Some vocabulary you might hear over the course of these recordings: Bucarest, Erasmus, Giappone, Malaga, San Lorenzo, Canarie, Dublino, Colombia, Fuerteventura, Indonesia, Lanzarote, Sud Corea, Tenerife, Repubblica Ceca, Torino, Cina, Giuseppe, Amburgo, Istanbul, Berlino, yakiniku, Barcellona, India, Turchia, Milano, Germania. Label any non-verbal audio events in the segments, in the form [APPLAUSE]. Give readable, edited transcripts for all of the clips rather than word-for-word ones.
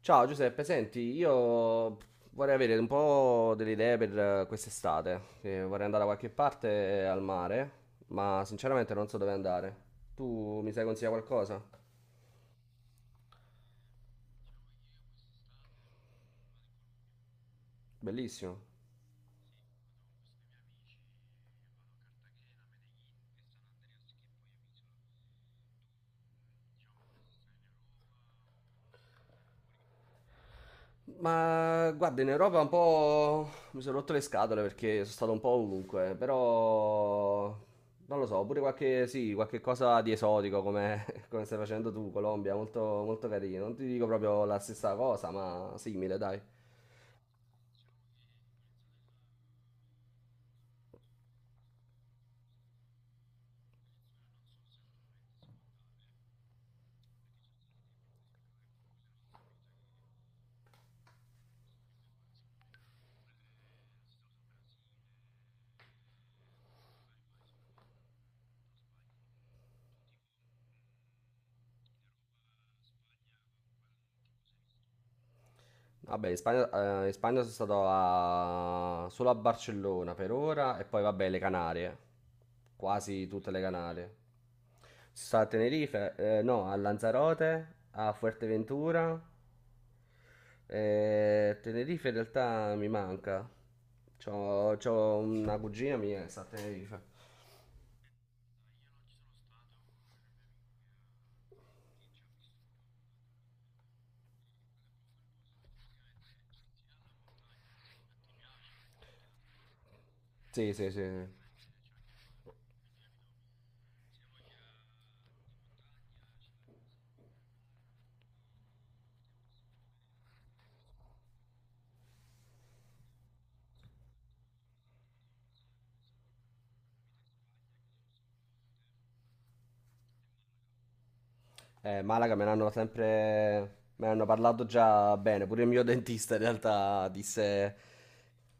Ciao Giuseppe, senti, io vorrei avere un po' delle idee per quest'estate. Vorrei andare da qualche parte al mare, ma sinceramente non so dove andare. Tu mi sai consigliare qualcosa? Bellissimo. Ma guarda, in Europa un po' mi sono rotto le scatole perché sono stato un po' ovunque, però non lo so, pure qualche, sì, qualche cosa di esotico come, [LAUGHS] come stai facendo tu, Colombia, molto, molto carino. Non ti dico proprio la stessa cosa, ma simile, dai. Vabbè, in Spagna sono stato a- solo a Barcellona per ora e poi vabbè le Canarie, quasi tutte le Canarie. Sono stato a Tenerife, no, a Lanzarote, a Fuerteventura. Tenerife in realtà mi manca. C'ho una cugina mia che sta a Tenerife. Sì, sì, sì, sì. Malaga me l'hanno sempre... me l'hanno parlato già bene, pure il mio dentista in realtà disse...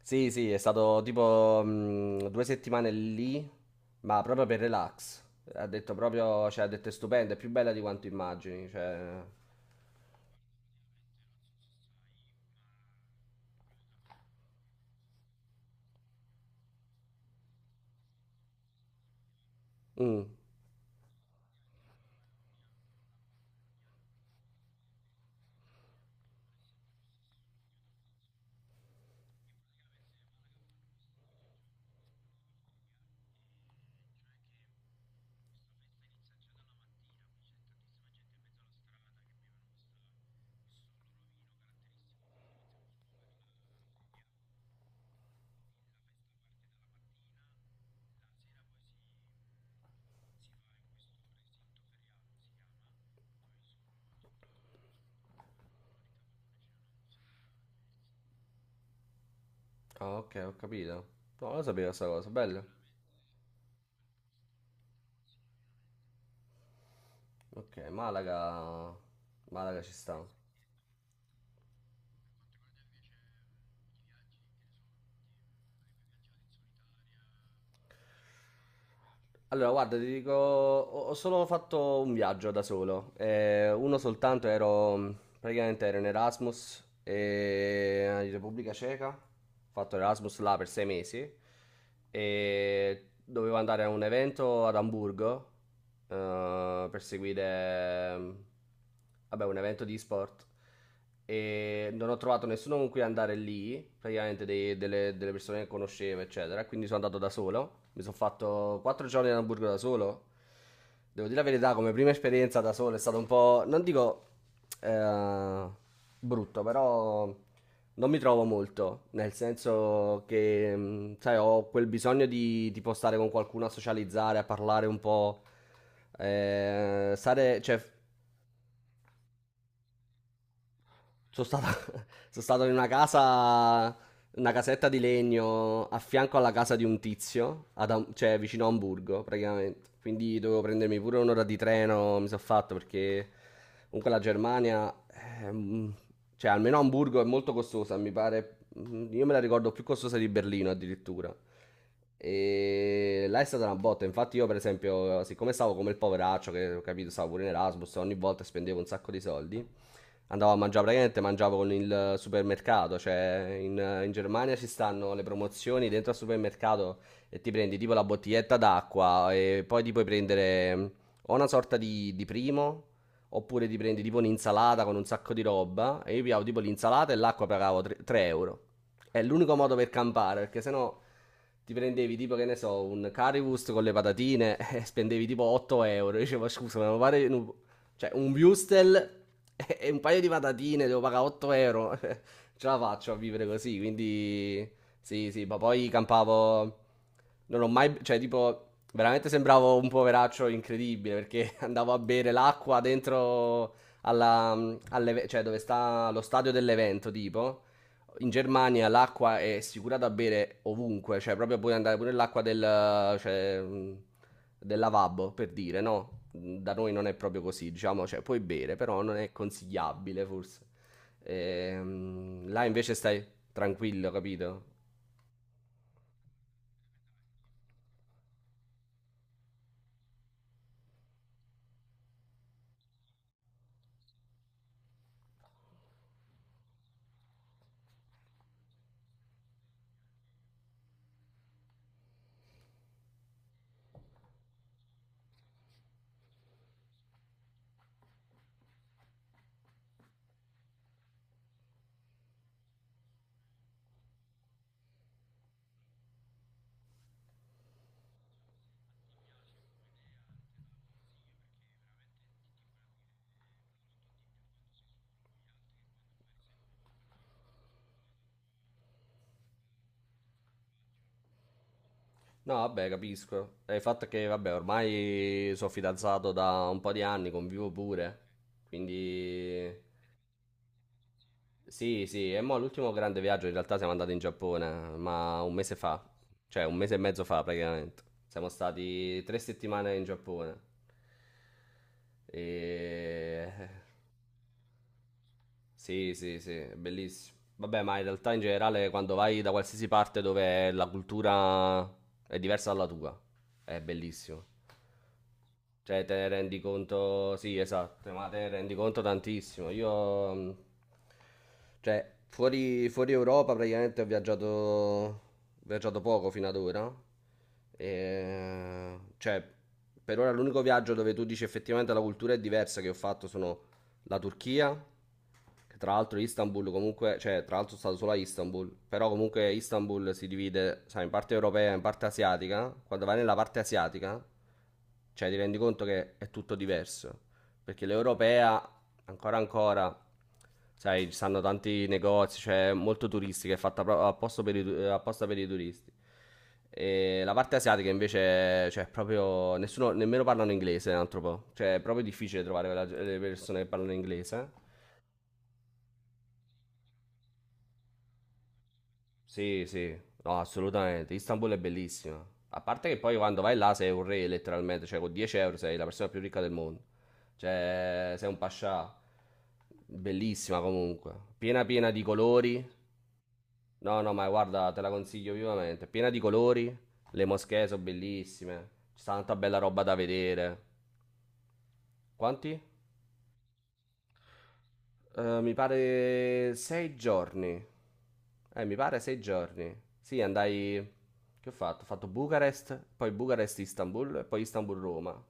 Sì, sì, è stato tipo 2 settimane lì, ma proprio per relax. Ha detto proprio, cioè ha detto è stupenda, è più bella di quanto immagini, cioè... Mm. Ah, ok, ho capito. No, non lo sapevo questa cosa, bello. Ok, Malaga... Malaga ci sta. Allora, guarda, ti dico, ho solo fatto un viaggio da solo, uno soltanto, ero praticamente ero in Erasmus in Repubblica Ceca, ho fatto Erasmus là per 6 mesi e dovevo andare a un evento ad Amburgo per seguire vabbè, un evento di sport e non ho trovato nessuno con cui andare lì, praticamente delle persone che conoscevo, eccetera. Quindi sono andato da solo. Mi sono fatto 4 giorni a Hamburgo da solo. Devo dire la verità, come prima esperienza da solo è stato un po', non dico eh, brutto, però non mi trovo molto, nel senso che, sai, ho quel bisogno di, tipo stare con qualcuno a socializzare, a parlare un po', stare, cioè, Sono stato, [LAUGHS] sono stato in una casa, una casetta di legno a fianco alla casa di un tizio, ad Am- cioè vicino a Hamburgo praticamente. Quindi dovevo prendermi pure un'ora di treno, mi sono fatto perché comunque la Germania, ehm, cioè almeno Hamburgo è molto costosa, mi pare, io me la ricordo più costosa di Berlino addirittura. E là è stata una botta. Infatti, io, per esempio, siccome stavo come il poveraccio, che ho capito, stavo pure in Erasmus, ogni volta spendevo un sacco di soldi, andavo a mangiare praticamente, mangiavo con il supermercato, cioè in Germania ci stanno le promozioni dentro al supermercato e ti prendi tipo la bottiglietta d'acqua e poi ti puoi prendere o una sorta di primo oppure ti prendi tipo un'insalata con un sacco di roba e io pigliavo tipo l'insalata e l'acqua pagavo 3 euro. È l'unico modo per campare perché sennò ti prendevi tipo che ne so un currywurst con le patatine [LAUGHS] e spendevi tipo 8 euro. Io dicevo scusa ma mi pare un cioè, un Wustel [LAUGHS] e un paio di patatine, devo pagare 8 euro. [LAUGHS] Ce la faccio a vivere così, quindi... Sì, sì, ma poi campavo... Non ho mai... Cioè, tipo, veramente sembravo un poveraccio incredibile, perché [LAUGHS] andavo a bere l'acqua dentro alla... alle- Cioè, dove sta lo stadio dell'evento, tipo in Germania l'acqua è assicurata a bere ovunque, cioè proprio puoi andare pure nell'acqua del, cioè, del lavabo, per dire, no? Da noi non è proprio così, diciamo, cioè puoi bere, però non è consigliabile forse. Là invece stai tranquillo, capito? No, vabbè, capisco. È il fatto è che, vabbè, ormai sono fidanzato da un po' di anni, convivo pure, quindi... Sì, sì, e mo' l'ultimo grande viaggio in realtà siamo andati in Giappone, ma un mese fa, cioè un mese e mezzo fa praticamente. Siamo stati 3 settimane in Giappone. E... Sì, sì, sì, è bellissimo. Vabbè, ma in realtà in generale quando vai da qualsiasi parte dove la cultura è diversa dalla tua, è bellissimo. Cioè, te ne rendi conto, sì, esatto, ma te ne rendi conto tantissimo. Io, cioè, fuori Europa praticamente ho viaggiato poco fino ad ora. E, cioè, per ora l'unico viaggio dove tu dici effettivamente la cultura è diversa che ho fatto sono la Turchia, che tra l'altro Istanbul comunque, cioè tra l'altro è stato solo a Istanbul, però comunque Istanbul si divide, sai, in parte europea e in parte asiatica. Quando vai nella parte asiatica, cioè ti rendi conto che è tutto diverso, perché l'europea ancora ancora, sai, ci stanno tanti negozi, cioè molto turistica, è fatta proprio apposta per i, tu- apposta per i turisti. E la parte asiatica invece, cioè proprio nessuno, nemmeno parlano inglese, un altro po'. Cioè è proprio difficile trovare quella- le persone che parlano inglese. Sì, sì, no, assolutamente. Istanbul è bellissima. A parte che poi quando vai là sei un re letteralmente, cioè con 10 euro sei la persona più ricca del mondo. Cioè sei un pascià. Bellissima comunque, piena piena di colori. No, no, ma guarda, te la consiglio vivamente. Piena di colori, le moschee sono bellissime, c'è tanta bella roba da vedere. Quanti? Mi pare 6 giorni. Mi pare sei giorni. Sì, andai... Che ho fatto? Ho fatto Bucarest, poi Bucarest-Istanbul e poi Istanbul-Roma.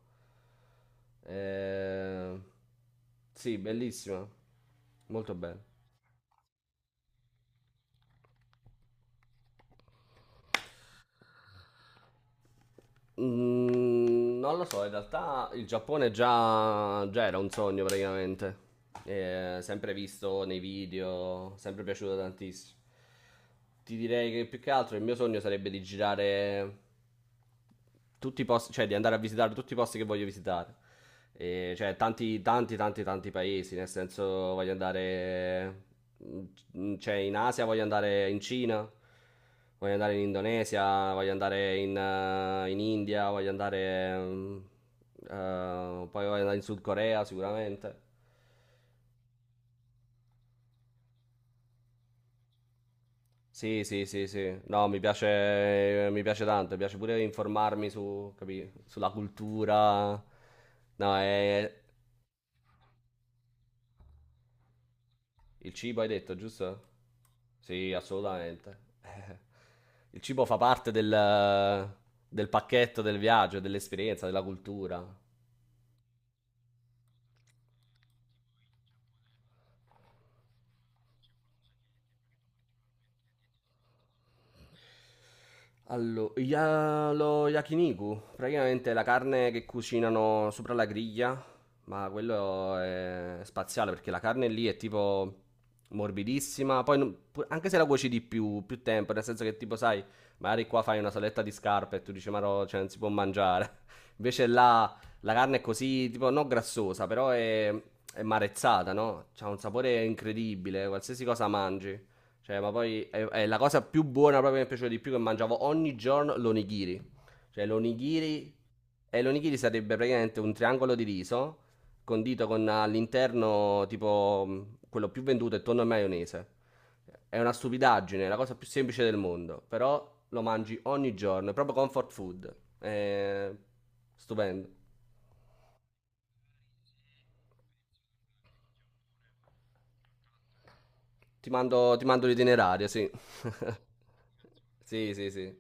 Eh... Sì, bellissima. Molto bella. Non lo so, in realtà il Giappone già, già era un sogno praticamente. Sempre visto nei video, sempre piaciuto tantissimo. Ti direi che più che altro il mio sogno sarebbe di girare tutti i posti, cioè di andare a visitare tutti i posti che voglio visitare. E, cioè, tanti, tanti, tanti, tanti paesi. Nel senso, voglio andare. Cioè, in Asia voglio andare in Cina, voglio andare in Indonesia, voglio andare in India, voglio andare. Poi voglio andare in Sud Corea sicuramente. Sì, sì, sì, sì. No, mi piace tanto, mi piace pure informarmi su, capì, sulla cultura. No, è, il cibo hai detto, giusto? Sì, assolutamente. [LAUGHS] Il cibo fa parte del, del pacchetto del viaggio, dell'esperienza, della cultura. Allora, ya- lo yakiniku, praticamente è la carne che cucinano sopra la griglia, ma quello è spaziale perché la carne lì è tipo morbidissima, poi non- pu- anche se la cuoci di più, più tempo, nel senso che tipo sai, magari qua fai una saletta di scarpe e tu dici ma no, cioè non si può mangiare, [LAUGHS] invece là la carne è così, tipo non grassosa, però è marezzata, no? C'ha un sapore incredibile, qualsiasi cosa mangi. Cioè, ma poi è la cosa più buona proprio che mi è piaciuta di più che mangiavo ogni giorno l'onigiri. Cioè, l'onigiri sarebbe praticamente un triangolo di riso condito con all'interno tipo quello più venduto è tonno e maionese. È una stupidaggine, è la cosa più semplice del mondo, però lo mangi ogni giorno, è proprio comfort food. È stupendo. Ti mando l'itinerario, sì. [LAUGHS] Sì, sì, sì.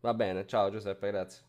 Va bene, ciao Giuseppe, grazie.